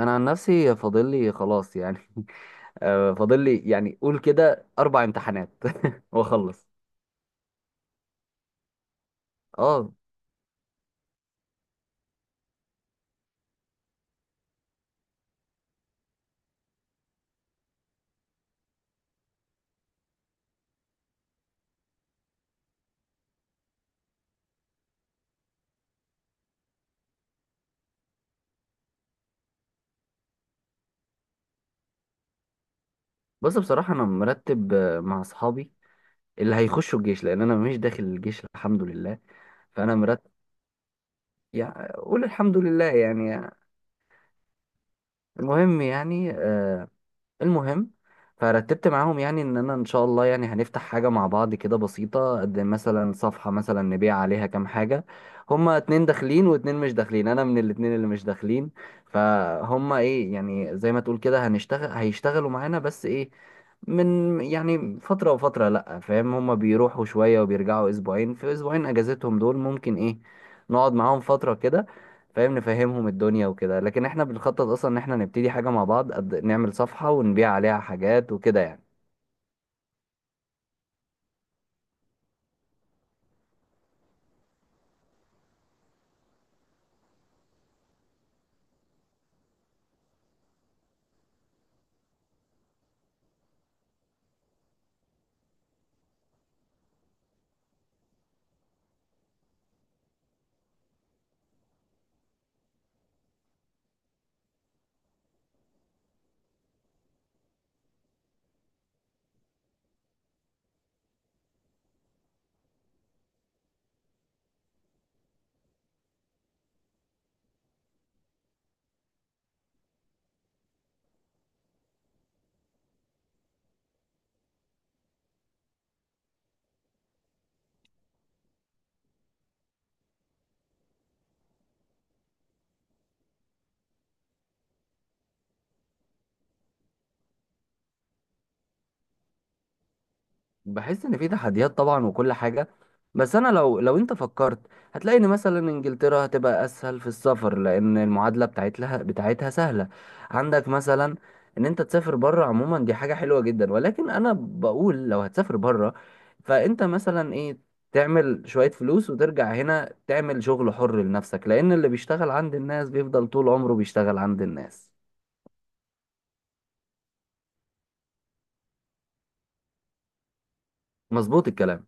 انا عن نفسي فاضل لي خلاص يعني. فاضل لي يعني، قول كده اربع امتحانات. واخلص. اه، بس بصراحه انا مرتب مع اصحابي اللي هيخشوا الجيش لان انا مش داخل الجيش الحمد لله. فانا مرتب يعني، قول الحمد لله يعني. المهم يعني، المهم، فرتبت معاهم يعني ان انا ان شاء الله يعني هنفتح حاجه مع بعض كده بسيطه، قد مثلا صفحه، مثلا نبيع عليها كام حاجه. هما اتنين داخلين واتنين مش داخلين، انا من الاتنين اللي مش داخلين. فهما ايه، يعني زي ما تقول كده هنشتغل، هيشتغلوا معانا بس ايه، من يعني فتره وفتره لا فاهم، هما بيروحوا شويه وبيرجعوا، اسبوعين في اسبوعين اجازتهم دول، ممكن ايه نقعد معاهم فتره كده فاهم، نفهمهم الدنيا وكده، لكن احنا بنخطط اصلا ان احنا نبتدي حاجة مع بعض، نعمل صفحة ونبيع عليها حاجات وكده يعني. بحس ان في تحديات طبعا وكل حاجه، بس انا، لو انت فكرت، هتلاقي ان مثلا انجلترا هتبقى اسهل في السفر، لان المعادله بتاعتها سهله. عندك مثلا ان انت تسافر بره عموما، دي حاجه حلوه جدا، ولكن انا بقول لو هتسافر بره، فانت مثلا ايه، تعمل شويه فلوس وترجع هنا، تعمل شغل حر لنفسك، لان اللي بيشتغل عند الناس بيفضل طول عمره بيشتغل عند الناس. مظبوط الكلام.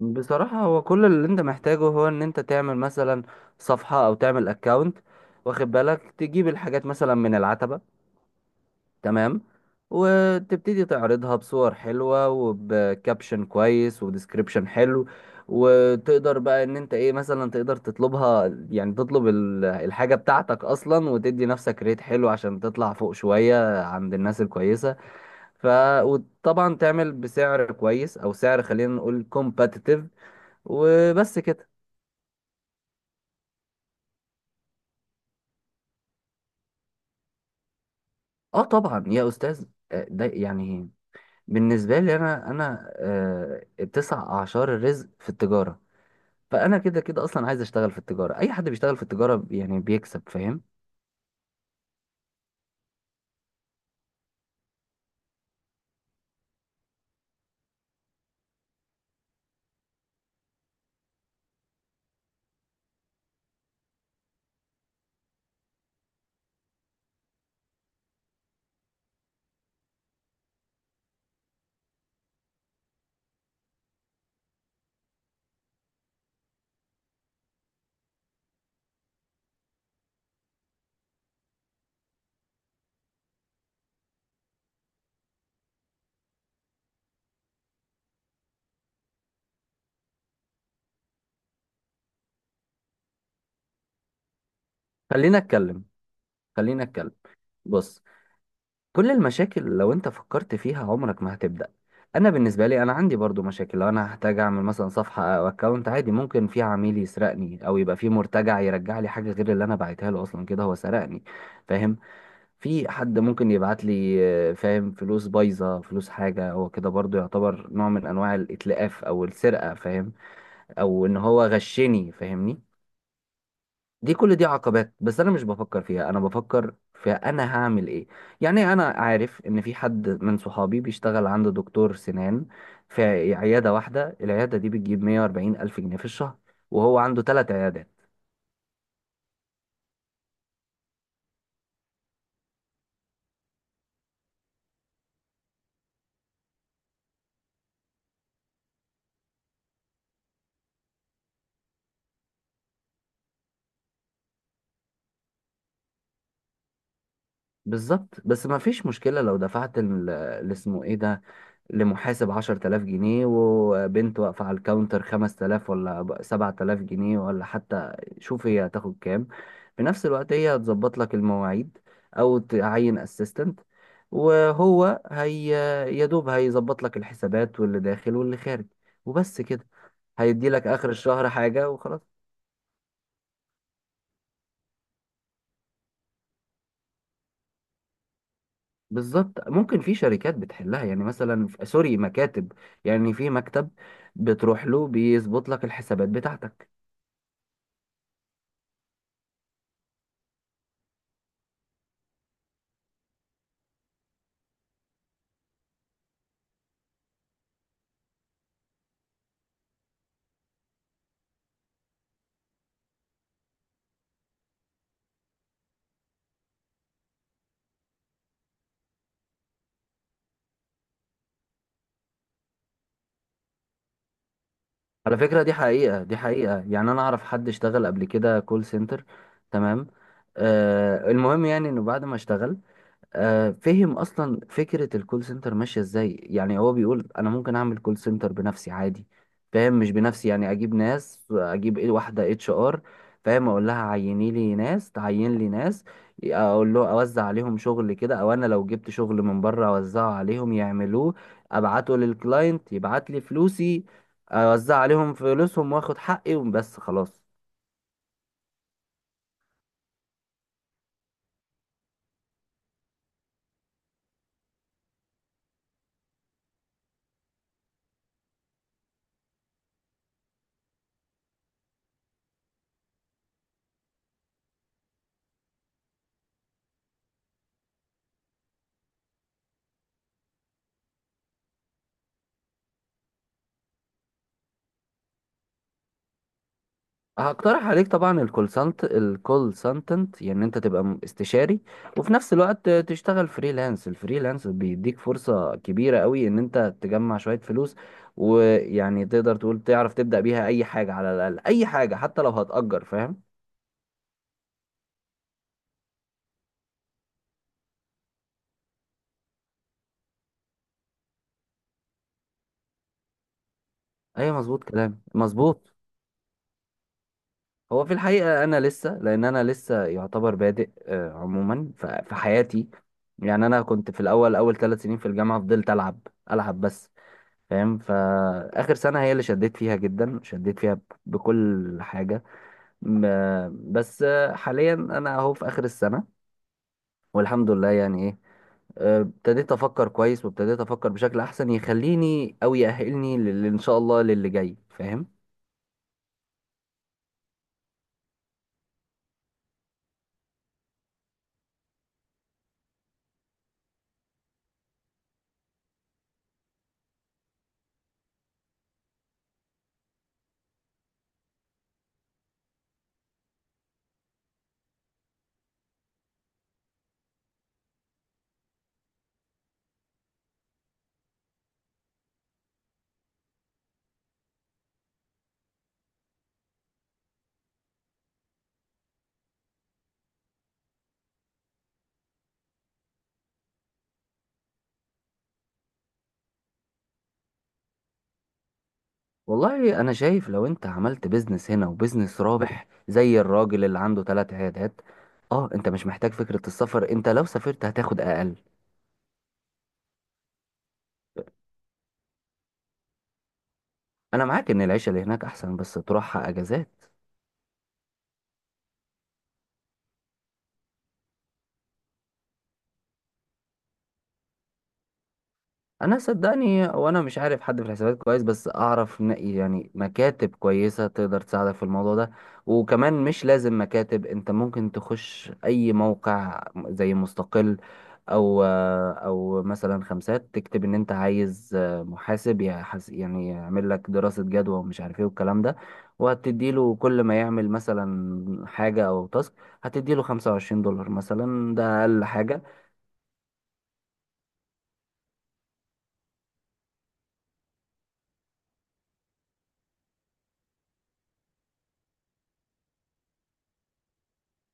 بصراحة هو كل اللي انت محتاجه، هو ان انت تعمل مثلا صفحة او تعمل اكاونت، واخد بالك تجيب الحاجات مثلا من العتبة، تمام، وتبتدي تعرضها بصور حلوة وبكابشن كويس وديسكريبشن حلو، وتقدر بقى ان انت ايه، مثلا تقدر تطلبها، يعني تطلب الحاجة بتاعتك اصلا، وتدي نفسك ريت حلو عشان تطلع فوق شوية عند الناس الكويسة. ف وطبعا تعمل بسعر كويس او سعر، خلينا نقول كومباتيتيف، وبس كده. اه طبعا يا استاذ، ده يعني، بالنسبه لي انا تسع اعشار الرزق في التجاره، فانا كده كده اصلا عايز اشتغل في التجاره، اي حد بيشتغل في التجاره يعني بيكسب فاهم. خلينا اتكلم خلينا اتكلم، بص، كل المشاكل لو انت فكرت فيها عمرك ما هتبدا. انا بالنسبه لي انا عندي برضو مشاكل، لو انا هحتاج اعمل مثلا صفحه او اكونت عادي، ممكن في عميل يسرقني، او يبقى في مرتجع يرجع لي حاجه غير اللي انا بعتها له اصلا، كده هو سرقني فاهم. في حد ممكن يبعت لي فاهم، فلوس بايظة، فلوس، حاجة، هو كده برضو يعتبر نوع من أنواع الإتلاف أو السرقة فاهم. أو إن هو غشني فاهمني. دي، كل دي عقبات، بس أنا مش بفكر فيها، أنا بفكر في أنا هعمل إيه. يعني أنا عارف إن في حد من صحابي بيشتغل عنده دكتور سنان، في عيادة واحدة، العيادة دي بتجيب 140 ألف جنيه في الشهر، وهو عنده ثلاث عيادات. بالظبط، بس ما فيش مشكلة لو دفعت اللي اسمه إيه ده، لمحاسب 10,000 جنيه، وبنت واقفة على الكاونتر 5,000، ولا 7,000 جنيه، ولا حتى، شوف هي هتاخد كام. في نفس الوقت هي هتظبط لك المواعيد، أو تعين اسيستنت، وهو هي يا دوب هيظبط لك الحسابات واللي داخل واللي خارج وبس كده، هيدي لك آخر الشهر حاجة وخلاص. بالظبط، ممكن في شركات بتحلها، يعني مثلا، سوري، مكاتب، يعني في مكتب بتروح له بيظبط لك الحسابات بتاعتك. على فكرة، دي حقيقة، يعني أنا أعرف حد اشتغل قبل كده كول سنتر تمام. آه المهم يعني إنه بعد ما اشتغل فهم اصلا فكره الكول سنتر ماشيه ازاي، يعني هو بيقول انا ممكن اعمل كول سنتر بنفسي عادي فاهم، مش بنفسي يعني، اجيب ناس، اجيب إيه، واحده اتش ار فاهم، اقول لها عيني لي ناس، تعين لي ناس، اقول له اوزع عليهم شغل كده، او انا لو جبت شغل من بره اوزعه عليهم يعملوه، ابعته للكلاينت يبعت لي فلوسي، اوزع عليهم فلوسهم واخد حقي وبس خلاص. هقترح عليك طبعا الكول سنتنت، يعني انت تبقى استشاري، وفي نفس الوقت تشتغل فريلانس، الفريلانس بيديك فرصة كبيرة قوي ان انت تجمع شوية فلوس، ويعني تقدر تقول تعرف تبدأ بيها اي حاجة، على الاقل اي حاجة حتى لو هتأجر فاهم. ايوه، مظبوط كلام مظبوط. هو في الحقيقة انا لسه، لان انا لسه يعتبر بادئ عموما في حياتي، يعني انا كنت في الاول، اول 3 سنين في الجامعة فضلت العب بس فاهم، فآخر سنة هي اللي شديت فيها جدا، شديت فيها بكل حاجة، بس حاليا أنا أهو في آخر السنة والحمد لله يعني إيه. ابتديت أفكر كويس، وابتديت أفكر بشكل أحسن يخليني أو يأهلني إن شاء الله للي جاي فاهم. والله أنا شايف لو أنت عملت بيزنس هنا وبيزنس رابح زي الراجل اللي عنده ثلاث عيادات، اه انت مش محتاج فكرة السفر، انت لو سافرت هتاخد اقل. انا معاك ان العيشة اللي هناك احسن، بس تروحها اجازات. انا صدقني، وانا مش عارف حد في الحسابات كويس، بس اعرف يعني مكاتب كويسه تقدر تساعدك في الموضوع ده، وكمان مش لازم مكاتب، انت ممكن تخش اي موقع زي مستقل او او مثلا خمسات، تكتب ان انت عايز محاسب يعني يعمل لك دراسه جدوى ومش عارف ايه والكلام ده، وهتديله كل ما يعمل مثلا حاجه او تاسك، هتديله $25 مثلا، ده اقل حاجه.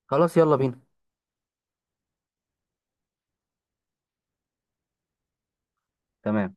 خلاص يلا بينا تمام.